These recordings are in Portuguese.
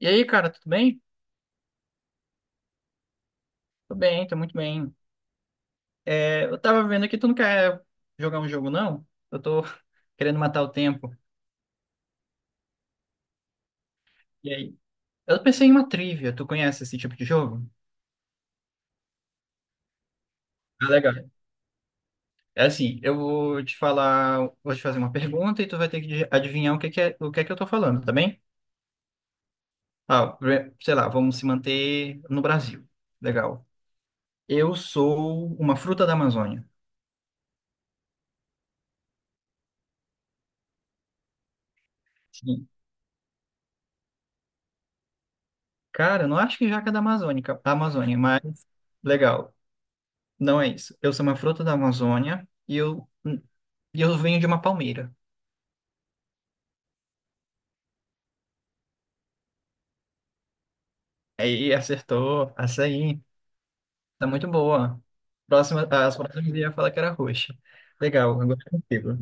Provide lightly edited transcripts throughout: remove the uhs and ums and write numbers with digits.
E aí, cara, tudo bem? Tô bem, tô muito bem. É, eu tava vendo aqui, tu não quer jogar um jogo, não? Eu tô querendo matar o tempo. E aí? Eu pensei em uma trivia. Tu conhece esse tipo de jogo? Ah, legal. É assim, eu vou te falar, vou te fazer uma pergunta e tu vai ter que adivinhar o que que é, o que é que eu tô falando, tá bem? Sei lá, vamos se manter no Brasil. Legal. Eu sou uma fruta da Amazônia. Sim. Cara, eu não acho que jaca é da Amazônica, da Amazônia, mas legal. Não é isso. Eu sou uma fruta da Amazônia e eu venho de uma palmeira. Aí acertou, açaí. Tá muito boa. Próxima, as próximas eu ia falar que era roxa. Legal, agora é contigo.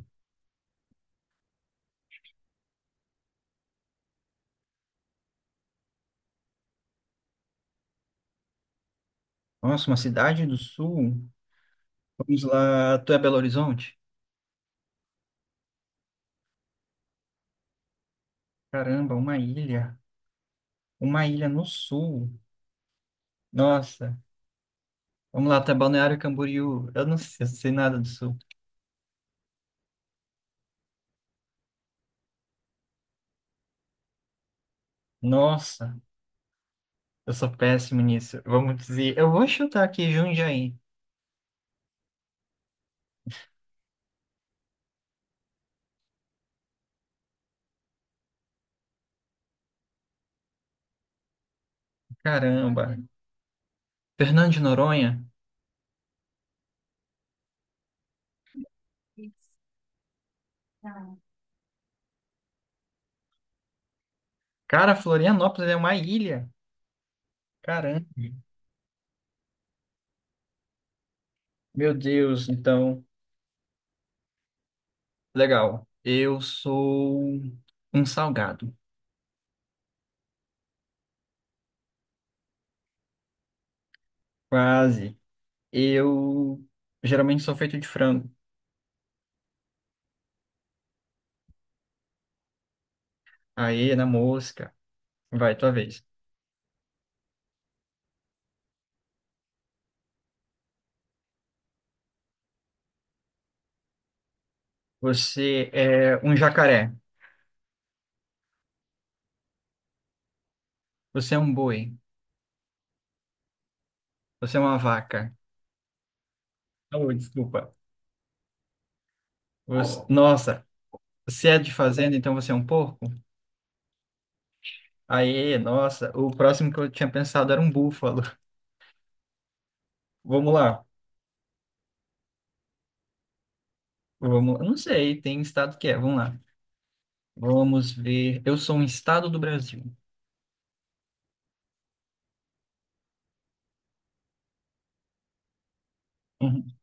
Nossa, uma cidade do sul. Vamos lá, tu é Belo Horizonte? Caramba, uma ilha. Uma ilha no sul. Nossa. Vamos lá, tu é Balneário Camboriú. Eu não sei nada do sul. Nossa, eu sou péssimo nisso. Vamos dizer, eu vou chutar aqui Jundiaí. Caramba. Fernando de Noronha? Cara, Florianópolis é uma ilha. Caramba. Meu Deus, então. Legal. Eu sou um salgado. Quase. Eu geralmente sou feito de frango. Aê, na mosca. Vai, tua vez. Você é um jacaré. Você é um boi. Você é uma vaca. Oh, desculpa. Nossa, se é de fazenda, então você é um porco? Aê, nossa. O próximo que eu tinha pensado era um búfalo. Vamos lá. Vamos, eu não sei, tem estado que é. Vamos lá. Vamos ver. Eu sou um estado do Brasil. Uhum.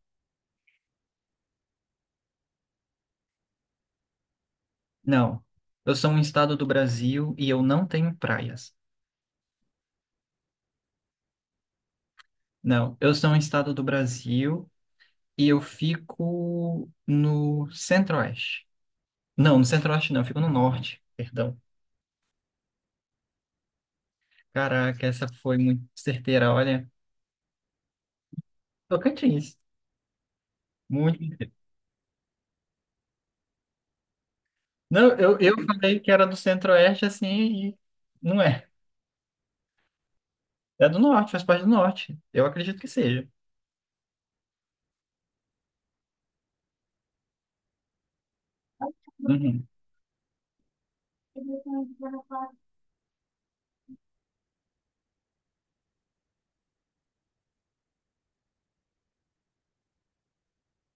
Não. Eu sou um estado do Brasil e eu não tenho praias. Não. Eu sou um estado do Brasil e eu fico no centro-oeste. Não, no centro-oeste não, eu fico no norte. Perdão. Caraca, essa foi muito certeira, olha. Tocantins. Muito certeira. Não, eu falei que era do centro-oeste assim e não é. É do norte, faz parte do norte. Eu acredito que seja. Uhum.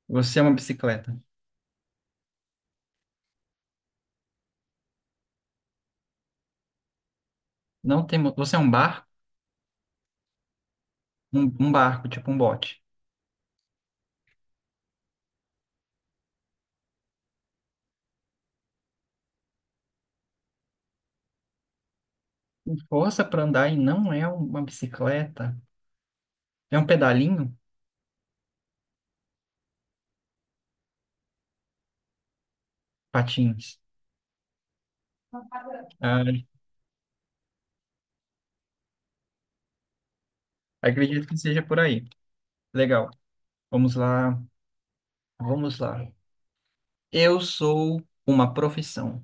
Você é uma bicicleta. Não tem, mo- Você é um barco, um, um barco, tipo um bote. Tem força para andar e não é uma bicicleta. É um pedalinho? Patins. Ah, acredito que seja por aí. Legal. Vamos lá. Vamos lá. Eu sou uma profissão.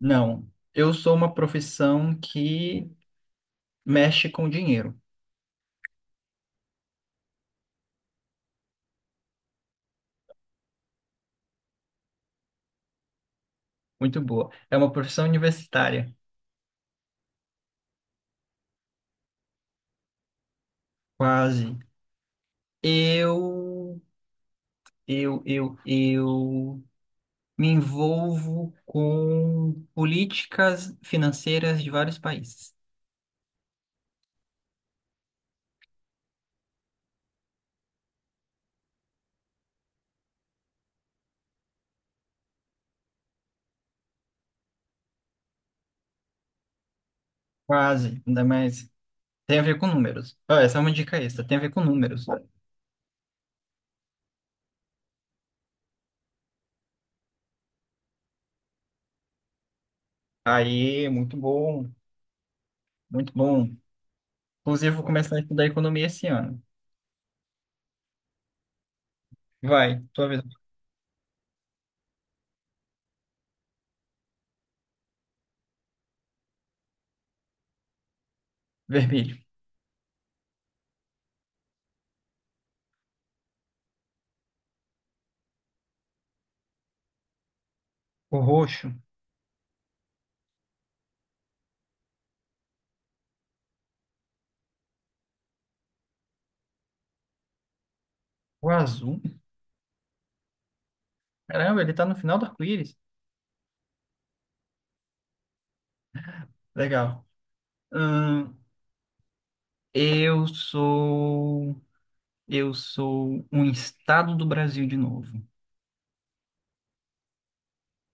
Não. Eu sou uma profissão que mexe com dinheiro. Muito boa. É uma profissão universitária. Quase. Eu, eu, eu. Me envolvo com políticas financeiras de vários países. Quase, ainda mais. Tem a ver com números. Ah, essa é uma dica extra, tem a ver com números. Aí, muito bom, muito bom. Inclusive, vou começar a estudar economia esse ano. Vai, tua vez. Vermelho, o roxo, o azul. Caramba, ele tá no final do arco-íris. Legal. Hum, eu sou. Eu sou um estado do Brasil de novo.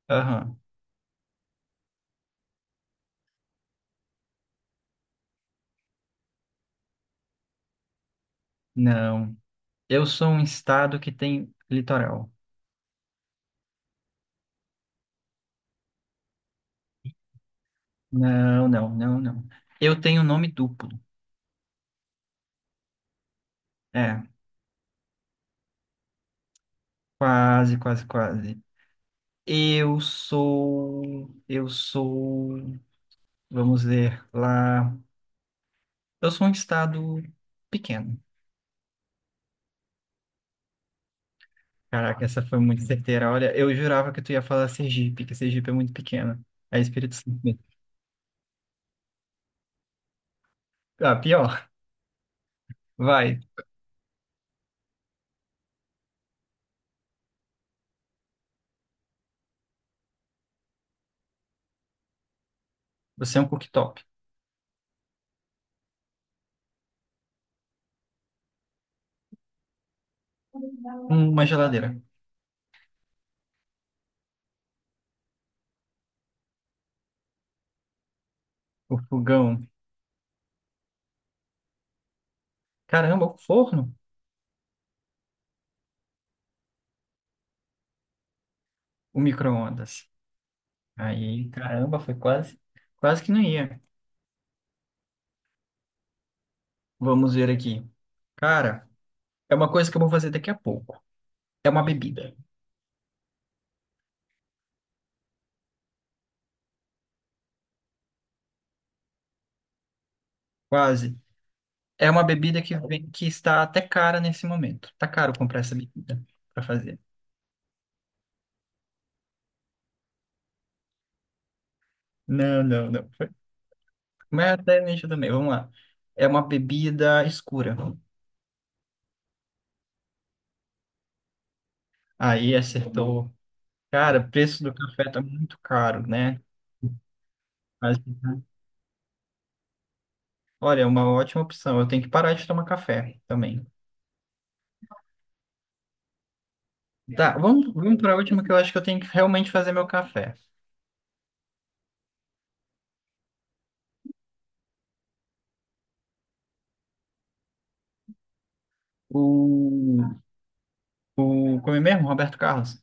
Aham. Não. Eu sou um estado que tem litoral. Não, não, não, não. Eu tenho nome duplo. É, quase, quase, quase. Eu sou, eu sou, vamos ver lá. Eu sou um estado pequeno. Caraca, essa foi muito certeira. Olha, eu jurava que tu ia falar Sergipe, que Sergipe é muito pequeno. É Espírito Santo mesmo. Ah, pior. Vai. Você é um cooktop. Uma geladeira. O fogão. Caramba, o forno. O micro-ondas. Aí, caramba, foi quase, quase que não ia. Vamos ver aqui. Cara, é uma coisa que eu vou fazer daqui a pouco. É uma bebida. Quase. É uma bebida que vem, que está até cara nesse momento. Tá caro comprar essa bebida para fazer. Não, não, não. Mas até nicho também. Vamos lá. É uma bebida escura. Aí acertou. Cara, o preço do café tá muito caro, né? Mas, olha, é uma ótima opção. Eu tenho que parar de tomar café também. Tá, vamos, vamos para a última que eu acho que eu tenho que realmente fazer meu café. O, o como é mesmo, Roberto Carlos?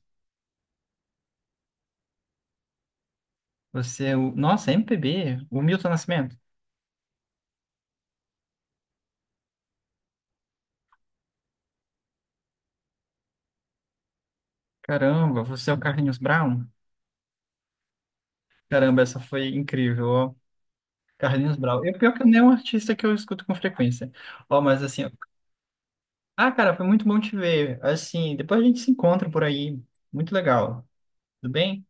Você, é o, nossa, MPB, o Milton Nascimento. Caramba, você é o Carlinhos Brown? Caramba, essa foi incrível, ó. Carlinhos Brown. Eu, pior que não é um artista que eu escuto com frequência. Ó, mas assim, ó. Cara, foi muito bom te ver. Assim, depois a gente se encontra por aí. Muito legal. Tudo bem?